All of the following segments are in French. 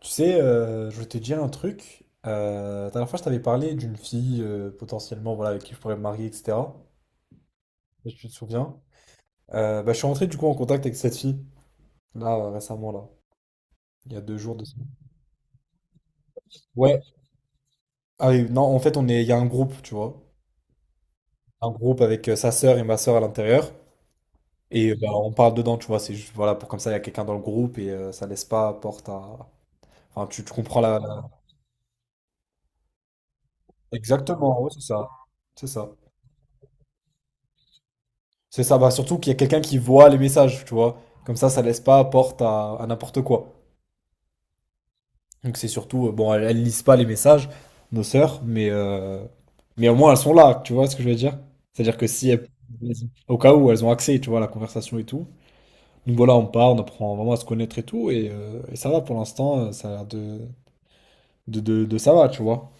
Tu sais, je voulais te dire un truc. La dernière fois, je t'avais parlé d'une fille potentiellement voilà, avec qui je pourrais me marier, etc. Si tu te souviens. Bah, je suis rentré du coup en contact avec cette fille, là, récemment, là. Il y a 2 jours de ça. Ouais, ah oui, non, en fait, on est, il y a un groupe, tu vois. Un groupe avec sa sœur et ma sœur à l'intérieur. Et bah, on parle dedans, tu vois. C'est juste, voilà, pour comme ça, il y a quelqu'un dans le groupe et ça laisse pas porte à. Enfin, tu comprends la. Exactement, ouais, c'est ça. C'est ça. C'est ça, bah surtout qu'il y a quelqu'un qui voit les messages, tu vois. Comme ça laisse pas porte à n'importe quoi. Donc c'est surtout, bon, elles lisent pas les messages, nos sœurs, mais au moins elles sont là, tu vois ce que je veux dire? C'est-à-dire que si, au cas où, elles ont accès, tu vois, à la conversation et tout. Donc voilà, on part, on apprend vraiment à se connaître et tout, et ça va pour l'instant, ça a l'air de ça va, tu vois.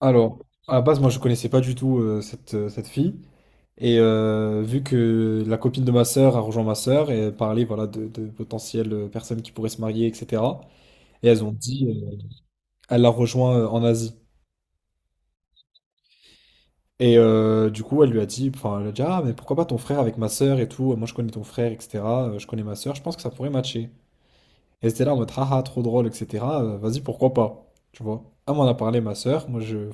Alors, à la base, moi je connaissais pas du tout cette fille. Et vu que la copine de ma sœur a rejoint ma sœur et parlé voilà, de potentielles personnes qui pourraient se marier, etc. Et elles ont dit, elle l'a rejoint en Asie. Et du coup, elle lui a dit, enfin, elle a dit, ah, mais pourquoi pas ton frère avec ma sœur et tout, moi je connais ton frère, etc. Je connais ma sœur, je pense que ça pourrait matcher. Et c'était là en mode, ah, ah, trop drôle, etc. Vas-y, pourquoi pas, tu vois. Elle m'en a parlé, ma sœur, moi je,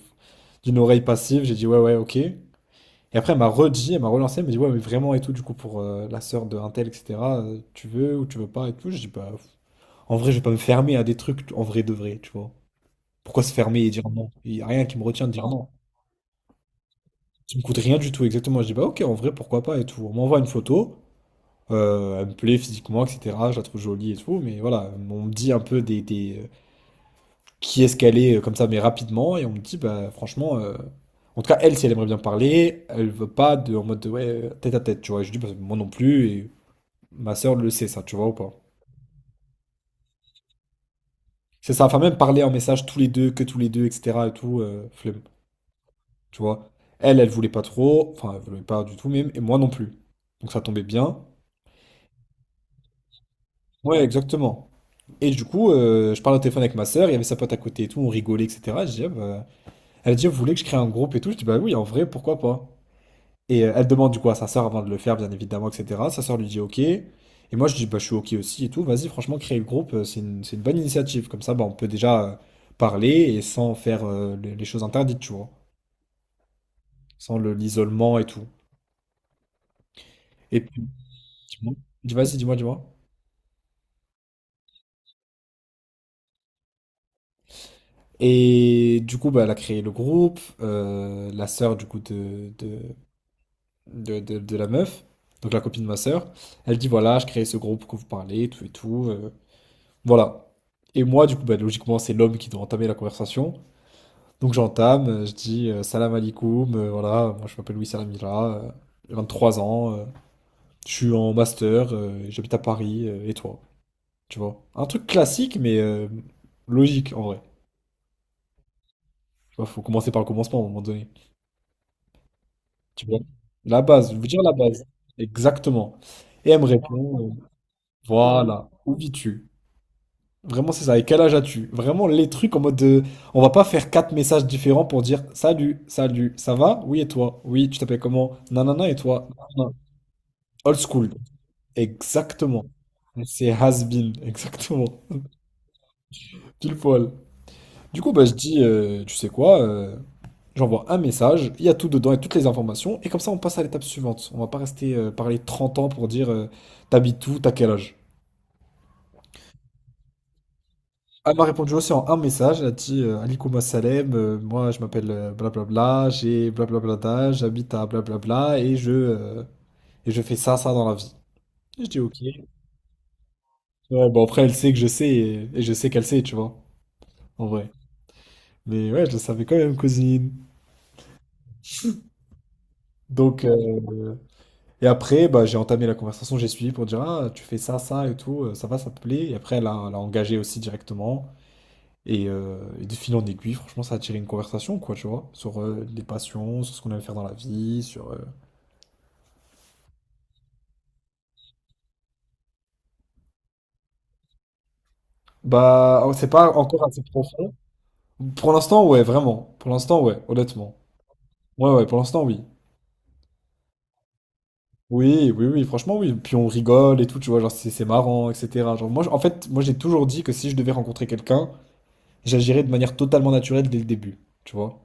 d'une oreille passive, j'ai dit, ouais, ouais, ok. Et après, elle m'a redit, elle m'a relancé, elle m'a dit, ouais, mais vraiment et tout, du coup, pour la sœur de un tel, etc., tu veux ou tu veux pas et tout. Je dis, bah, en vrai, je vais pas me fermer à des trucs en vrai de vrai, tu vois. Pourquoi se fermer et dire non? Il y a rien qui me retient de dire non. Ça me coûte rien du tout, exactement. Je dis, bah, ok, en vrai, pourquoi pas et tout. On m'envoie une photo, elle me plaît physiquement, etc., je la trouve jolie et tout, mais voilà, on me dit un peu qui est-ce qu'elle est, comme ça, mais rapidement, et on me dit, bah, franchement, en tout cas, elle, si elle aimerait bien parler, elle veut pas de, en mode de, ouais, tête à tête, tu vois. Et je dis, bah, moi non plus, et ma sœur le sait, ça, tu vois ou pas? C'est ça, enfin même parler en message tous les deux, que tous les deux, etc. et tout, flemme, tu vois. Elle voulait pas trop, enfin elle voulait pas du tout même, et moi non plus. Donc ça tombait bien. Ouais, exactement. Et du coup, je parle au téléphone avec ma sœur, il y avait sa pote à côté et tout, on rigolait, etc. Je dis, ah bah, elle dit, vous voulez que je crée un groupe et tout? Je dis, bah oui, en vrai, pourquoi pas? Et elle demande du coup à sa sœur avant de le faire, bien évidemment, etc. Sa sœur lui dit OK. Et moi, je dis, bah, je suis OK aussi et tout. Vas-y, franchement, créer le groupe, c'est une bonne initiative. Comme ça, bah, on peut déjà parler et sans faire les choses interdites, tu vois. Sans l'isolement et tout. Et puis, dis-moi, vas-y, dis-moi, dis-moi. Et du coup, bah, elle a créé le groupe. La sœur, du coup, de la meuf, donc la copine de ma sœur, elle dit, voilà, je crée ce groupe pour que vous parlez, tout et tout. Voilà. Et moi, du coup, bah, logiquement, c'est l'homme qui doit entamer la conversation. Donc j'entame, je dis salam alaikum, voilà, moi je m'appelle Louis Salamila, j'ai 23 ans, je suis en master, j'habite à Paris, et toi? Tu vois? Un truc classique, mais logique en vrai. Tu vois, faut commencer par le commencement à un moment donné. Tu vois? La base, je veux dire la base. Exactement. Et elle me répond, voilà, où vis-tu? Vraiment, c'est ça. Et quel âge as-tu? Vraiment, les trucs en mode de. On va pas faire quatre messages différents pour dire salut, salut, ça va? Oui, et toi? Oui, tu t'appelles comment? Nanana, et toi? Nanana. Old school. Exactement. C'est has-been. Exactement. Pile poil. Du coup, bah, je dis, tu sais quoi? J'envoie un message, il y a tout dedans et toutes les informations. Et comme ça, on passe à l'étape suivante. On va pas rester parler 30 ans pour dire t'habites où, t'as quel âge? Elle m'a répondu aussi en un message, elle a dit Alikouma Salem, moi je m'appelle blablabla, j'ai blablabla d'âge, j'habite à blablabla et je fais ça, ça dans la vie. Et je dis ok. Ouais, bon après elle sait que je sais et je sais qu'elle sait, tu vois, en vrai. Mais ouais, je le savais quand même, cousine. Donc, et après, bah, j'ai entamé la conversation, j'ai suivi pour dire ah, tu fais ça, ça et tout, ça va, ça te plaît. Et après, elle a engagé aussi directement. Et de fil en aiguille, franchement, ça a attiré une conversation, quoi, tu vois, sur les passions, sur ce qu'on aime faire dans la vie. Bah, oh, c'est pas encore assez profond. Pour l'instant, ouais, vraiment. Pour l'instant, ouais, honnêtement. Ouais, ouais, pour l'instant, oui. Oui, oui, oui, franchement, oui. Puis on rigole et tout, tu vois, genre, c'est marrant, etc. Genre, moi, en fait, moi, j'ai toujours dit que si je devais rencontrer quelqu'un, j'agirais de manière totalement naturelle dès le début, tu vois.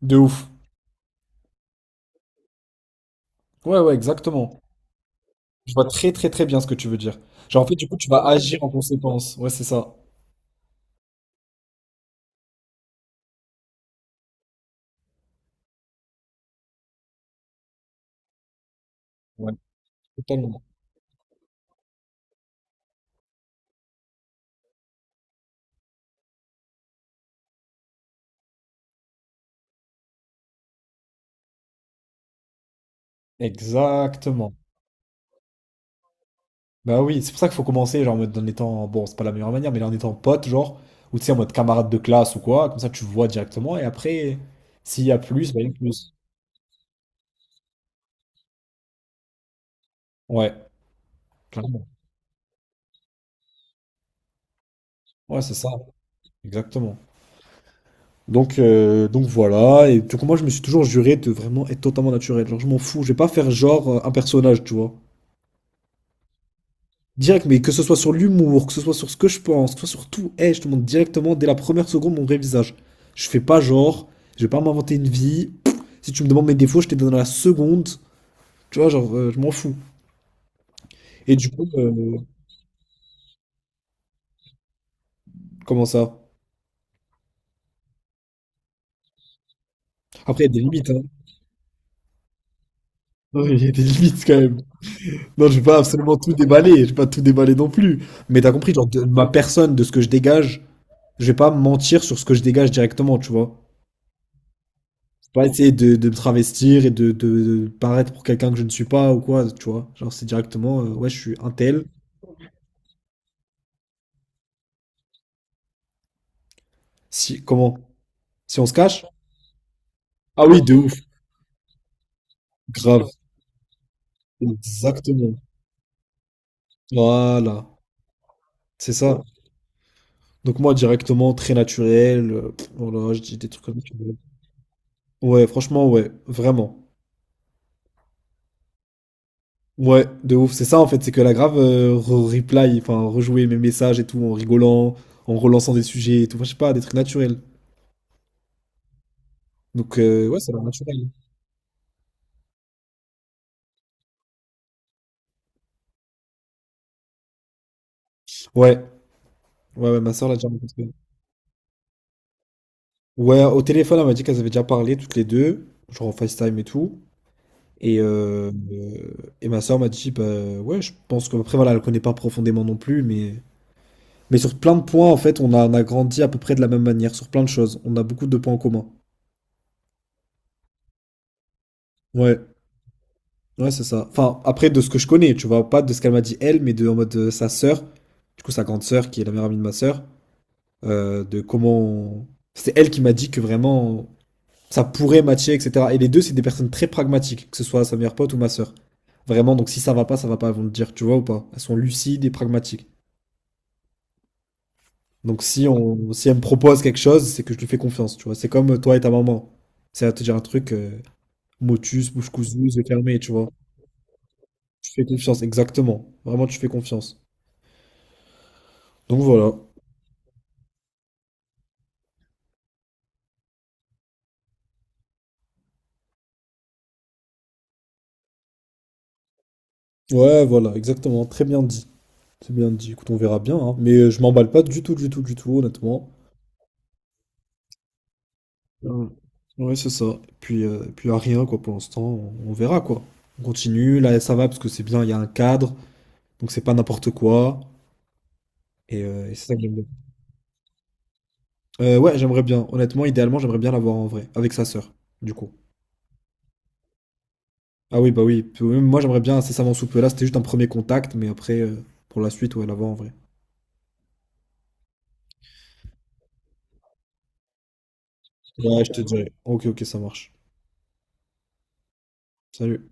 De ouf. Ouais, ouais, exactement. Je vois très, très, très bien ce que tu veux dire. Genre, en fait, du coup, tu vas agir en conséquence. Ouais, c'est ça. Ouais, totalement. Exactement. Bah oui, c'est pour ça qu'il faut commencer, genre, en mode en étant, bon, c'est pas la meilleure manière, mais en étant pote, genre, ou tu sais, en mode camarade de classe ou quoi, comme ça tu vois directement, et après, s'il y a plus, bah il y a plus. Ouais, clairement. Ouais, c'est ça, exactement. Donc, voilà, et donc moi je me suis toujours juré de vraiment être totalement naturel, genre je m'en fous, je vais pas faire genre un personnage, tu vois. Direct, mais que ce soit sur l'humour, que ce soit sur ce que je pense, que ce soit sur tout, hey, je te montre directement dès la première seconde mon vrai visage. Je fais pas genre, je vais pas m'inventer une vie. Si tu me demandes mes défauts, je te donne la seconde. Tu vois, genre, je m'en fous. Et du coup, comment ça? Après, il y a des limites, hein. Non, il y a des limites quand même. Non, je vais pas absolument tout déballer, je vais pas tout déballer non plus. Mais t'as compris, genre, de ma personne, de ce que je dégage, je vais pas mentir sur ce que je dégage directement, tu vois. Pas essayer de me travestir et de paraître pour quelqu'un que je ne suis pas ou quoi, tu vois. Genre, c'est directement, ouais, je suis un tel. Si, comment? Si on se cache? Ah oui, de ouf, grave. Exactement. Voilà, c'est ça. Donc moi, directement, très naturel. Voilà, je dis des trucs comme ça. Ouais, franchement, ouais, vraiment. Ouais, de ouf. C'est ça, en fait, c'est que la grave reply, enfin, rejouer mes messages et tout, en rigolant, en relançant des sujets et tout. Enfin, je sais pas, des trucs naturels. Donc, ouais, ça a l'air naturel. ouais, Ouais, ouais, ma soeur l'a déjà rencontré. Ouais, au téléphone, elle m'a dit qu'elles avaient déjà parlé toutes les deux, genre en FaceTime et tout. Et, euh, euh, et ma soeur m'a dit, bah ouais, je pense que, après, voilà, elle connaît pas profondément non plus, mais sur plein de points, en fait, on a grandi à peu près de la même manière, sur plein de choses. On a beaucoup de points en commun. Ouais, ouais, c'est ça. Enfin, après, de ce que je connais, tu vois, pas de ce qu'elle m'a dit elle, mais de en mode sa sœur, du coup, sa grande sœur, qui est la meilleure amie de ma sœur, de comment. C'était elle qui m'a dit que vraiment ça pourrait matcher, etc. Et les deux, c'est des personnes très pragmatiques, que ce soit sa meilleure pote ou ma sœur. Vraiment, donc si ça va pas, ça va pas, elles vont le dire, tu vois ou pas. Elles sont lucides et pragmatiques. Donc si elle me propose quelque chose, c'est que je lui fais confiance, tu vois. C'est comme toi et ta maman. C'est à te dire un truc, motus, bouche cousue, yeux fermés, tu vois. Tu fais confiance, exactement. Vraiment, tu fais confiance. Donc voilà. Ouais, voilà, exactement. Très bien dit. C'est bien dit. Écoute, on verra bien, hein. Mais je m'emballe pas du tout, du tout, du tout, honnêtement. Ouais, ouais, c'est ça. Puis, là, rien, quoi, pour l'instant, on verra, quoi. On continue, là, ça va, parce que c'est bien, il y a un cadre, donc c'est pas n'importe quoi. Et c'est ça que j'aime bien. Ouais, j'aimerais bien. Honnêtement, idéalement, j'aimerais bien l'avoir en vrai, avec sa sœur, du coup. Ah oui, bah oui. Puis, oui, moi, j'aimerais bien incessamment sous peu. Là, c'était juste un premier contact, mais après, pour la suite, ouais, l'avoir en vrai. Ouais, je te dirai. Ok, ok, ça marche. Salut.